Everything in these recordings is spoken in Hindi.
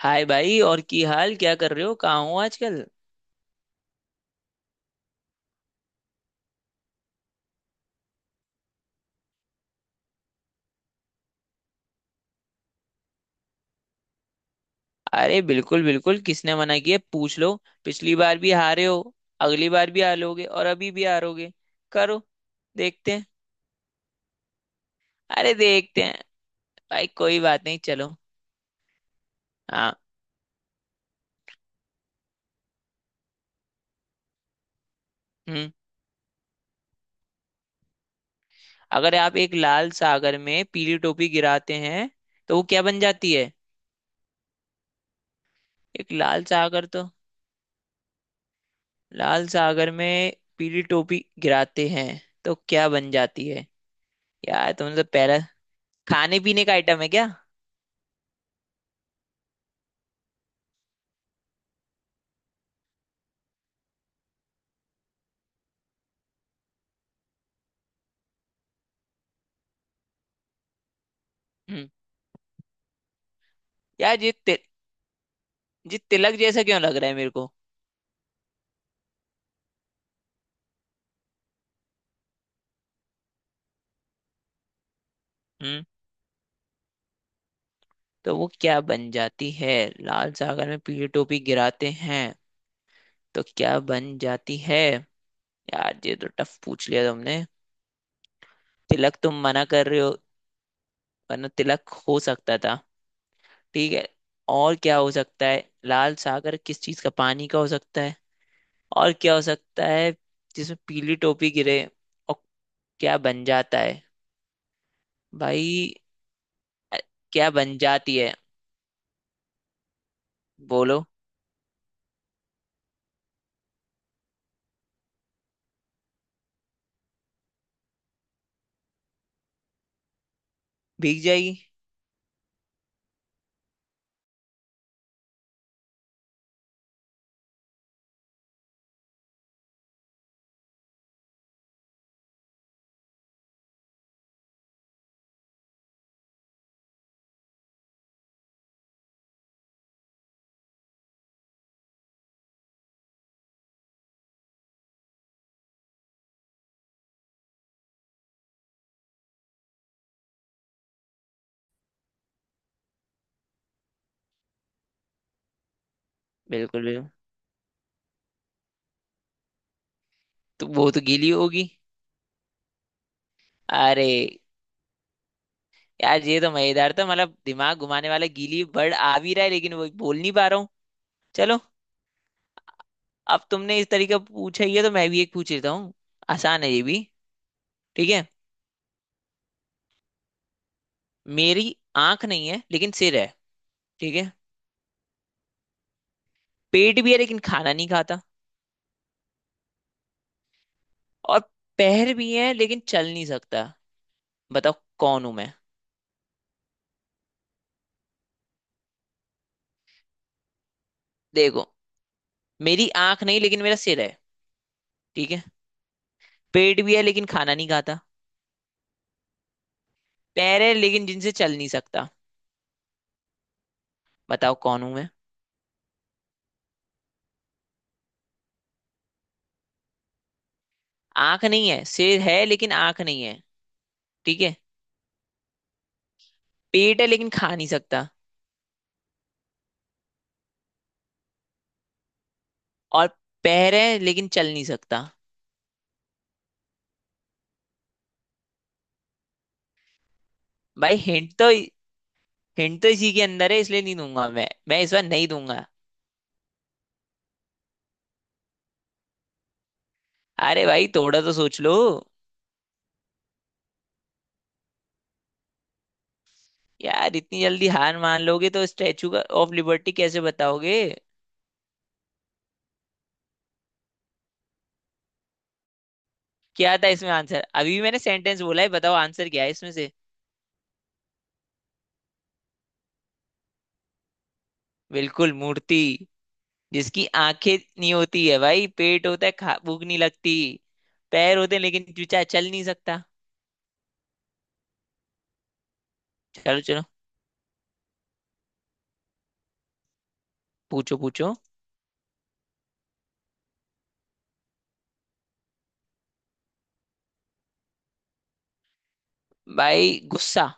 हाय भाई। और की हाल क्या कर रहे हो? कहाँ हो आजकल? अरे बिल्कुल बिल्कुल, किसने मना किया, पूछ लो। पिछली बार भी हारे हो, अगली बार भी हारोगे और अभी भी हारोगे। करो। देखते हैं। अरे देखते हैं। भाई कोई बात नहीं, चलो। हाँ। हम्म। अगर आप एक लाल सागर में पीली टोपी गिराते हैं तो वो क्या बन जाती है? एक लाल सागर तो, लाल सागर में पीली टोपी गिराते हैं तो क्या बन जाती है? यार तुमने तो मतलब पहला खाने पीने का आइटम है क्या? हम्म। यार ये तिलक जैसा क्यों लग रहा है मेरे को? हम्म। तो वो क्या बन जाती है? लाल सागर में पीली टोपी गिराते हैं तो क्या बन जाती है? यार ये तो टफ पूछ लिया तुमने। तिलक तुम मना कर रहे हो, वरना तिलक हो सकता था। ठीक है। और क्या हो सकता है? लाल सागर किस चीज का, पानी का हो सकता है? और क्या हो सकता है जिसमें पीली टोपी गिरे और क्या बन जाता है? भाई अ, क्या बन जाती है? बोलो। भीग जाएगी। बिल्कुल बिल्कुल, तो वो तो गीली होगी। अरे यार ये तो मजेदार था, मतलब दिमाग घुमाने वाला। गीली बर्ड आ भी रहा है लेकिन वो बोल नहीं पा रहा हूँ। चलो, अब तुमने इस तरीके पूछा ही है तो मैं भी एक पूछ लेता हूँ। आसान है ये भी। ठीक है। मेरी आंख नहीं है लेकिन सिर है। ठीक है। पेट भी है लेकिन खाना नहीं खाता। और पैर भी है लेकिन चल नहीं सकता। बताओ कौन हूं मैं। देखो, मेरी आंख नहीं लेकिन मेरा सिर है। ठीक है। पेट भी है लेकिन खाना नहीं खाता। पैर है लेकिन जिनसे चल नहीं सकता। बताओ कौन हूं मैं। आंख नहीं है, सिर है लेकिन आंख नहीं है। ठीक है। पेट है लेकिन खा नहीं सकता। और पैर है लेकिन चल नहीं सकता। भाई हिंट तो, हिंट तो इसी के अंदर है इसलिए नहीं दूंगा। मैं इस बार नहीं दूंगा। अरे भाई थोड़ा तो सोच लो। यार इतनी जल्दी हार मान लोगे तो स्टैचू का ऑफ लिबर्टी कैसे बताओगे? क्या था इसमें आंसर? अभी भी मैंने सेंटेंस बोला है, बताओ आंसर क्या है इसमें से। बिल्कुल, मूर्ति, जिसकी आंखें नहीं होती है भाई। पेट होता है, खा भूख नहीं लगती। पैर होते हैं लेकिन चूचा चल नहीं सकता। चलो चलो, पूछो पूछो। भाई गुस्सा।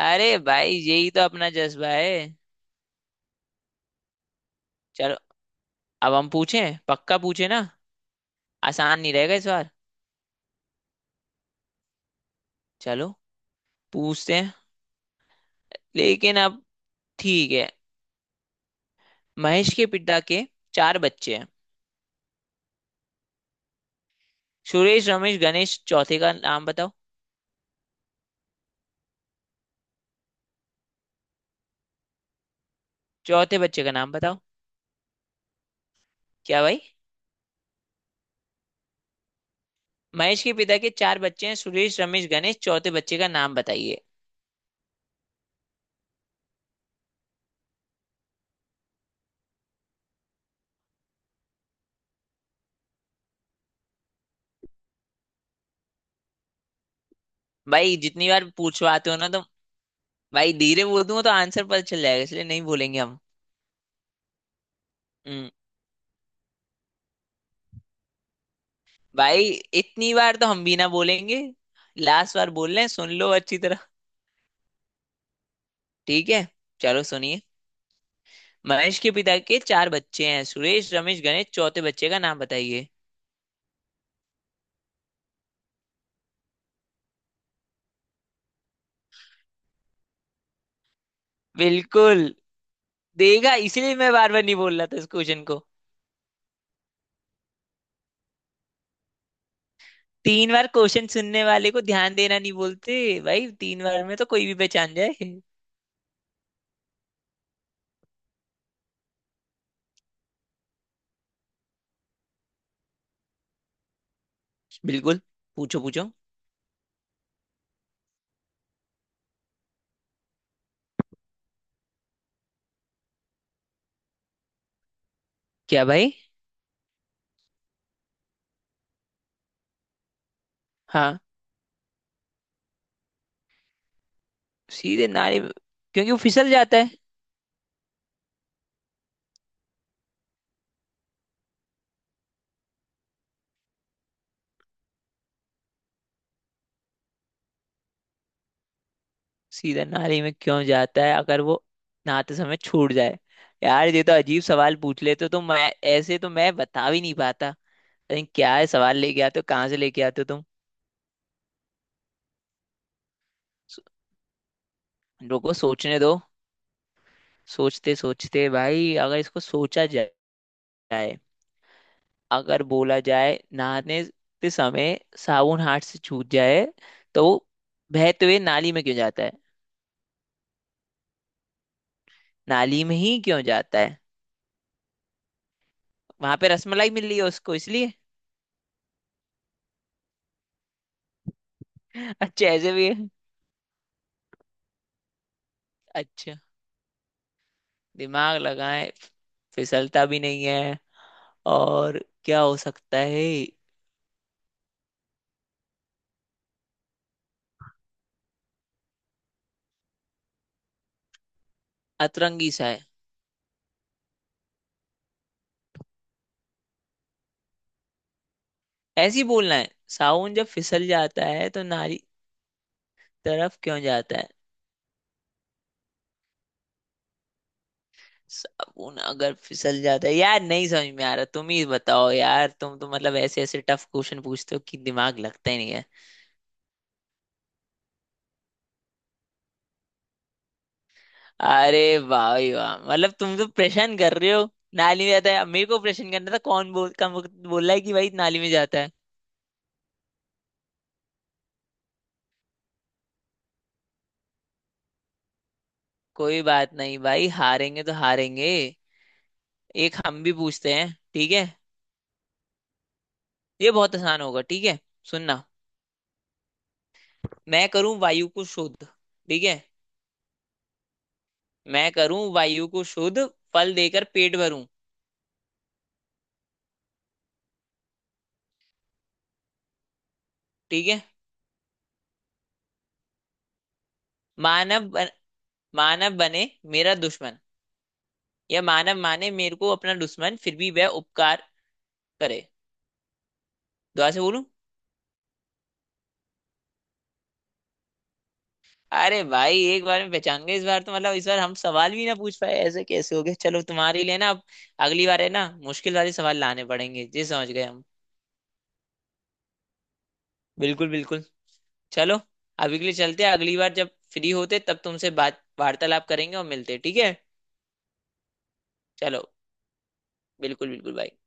अरे भाई यही तो अपना जज्बा है। चलो, अब हम पूछें, पक्का पूछे ना? आसान नहीं रहेगा इस बार। चलो, पूछते हैं लेकिन अब, ठीक है। महेश के पिता के 4 बच्चे हैं, सुरेश रमेश गणेश, चौथे का नाम बताओ। चौथे बच्चे का नाम बताओ। क्या भाई। महेश के पिता के चार बच्चे हैं, सुरेश रमेश गणेश, चौथे बच्चे का नाम बताइए। भाई जितनी बार पूछवाते हो ना तो, भाई धीरे बोल दूंगा तो आंसर पता चल जाएगा, इसलिए नहीं बोलेंगे हम। हम्म। भाई इतनी बार तो हम भी ना बोलेंगे। लास्ट बार बोल रहे हैं, सुन लो अच्छी तरह। ठीक है, चलो सुनिए। महेश के पिता के चार बच्चे हैं, सुरेश रमेश गणेश, चौथे बच्चे का नाम बताइए। बिल्कुल देगा इसलिए मैं बार बार नहीं बोल रहा था इस क्वेश्चन को। तीन बार क्वेश्चन सुनने वाले को ध्यान देना नहीं बोलते। भाई 3 बार में तो कोई भी पहचान जाए। बिल्कुल, पूछो पूछो। क्या भाई। हाँ, सीधे नारे क्योंकि वो फिसल जाता है। सीधा नाली में क्यों जाता है अगर वो नहाते समय छूट जाए? यार ये तो अजीब सवाल पूछ लेते हो। तो मैं ऐसे तो मैं बता भी नहीं पाता। अरे क्या है सवाल, लेके आते हो कहाँ से लेके आते हो तुम? सो- रुको सोचने दो। सोचते सोचते भाई, अगर इसको सोचा जाए, अगर बोला जाए, नहाने ते समय साबुन हाथ से छूट जाए तो वो बहते हुए नाली में क्यों जाता है? नाली में ही क्यों जाता है? वहां पे रसमलाई मिल रही है उसको, इसलिए। अच्छा ऐसे भी है। अच्छा, दिमाग लगाएं। फिसलता भी नहीं है, और क्या हो सकता है? अतरंगी सा है। ऐसी बोलना है साबुन जब फिसल जाता है तो नारी तरफ क्यों जाता है? साबुन अगर फिसल जाता है, यार नहीं समझ में आ रहा। तुम ही बताओ यार, तुम तो मतलब ऐसे ऐसे टफ क्वेश्चन पूछते हो कि दिमाग लगता ही नहीं है। अरे वाह भाई वाह, मतलब तुम तो परेशान कर रहे हो। नाली में जाता है, अब मेरे को परेशान करना था। कौन बोल कम बोल रहा है कि भाई नाली में जाता है? कोई बात नहीं भाई, हारेंगे तो हारेंगे। एक हम भी पूछते हैं, ठीक है। ये बहुत आसान होगा, ठीक है। सुनना। मैं करूं वायु को शुद्ध, ठीक है। मैं करूं वायु को शुद्ध, फल देकर पेट भरूं। ठीक है। मानव बन, मानव बने मेरा दुश्मन, या मानव माने मेरे को अपना दुश्मन, फिर भी वह उपकार करे। दोबारा से बोलूं? अरे भाई एक बार में पहचान गए इस बार तो। मतलब इस बार हम सवाल भी ना पूछ पाए, ऐसे कैसे हो गए? चलो, तुम्हारे लिए ना अब अगली बार है ना, मुश्किल वाले सवाल लाने पड़ेंगे जी, समझ गए हम। बिल्कुल बिल्कुल। चलो, अभी के लिए चलते हैं, अगली बार जब फ्री होते तब तुमसे बात वार्तालाप करेंगे और मिलते हैं, ठीक है। चलो, बिल्कुल बिल्कुल भाई।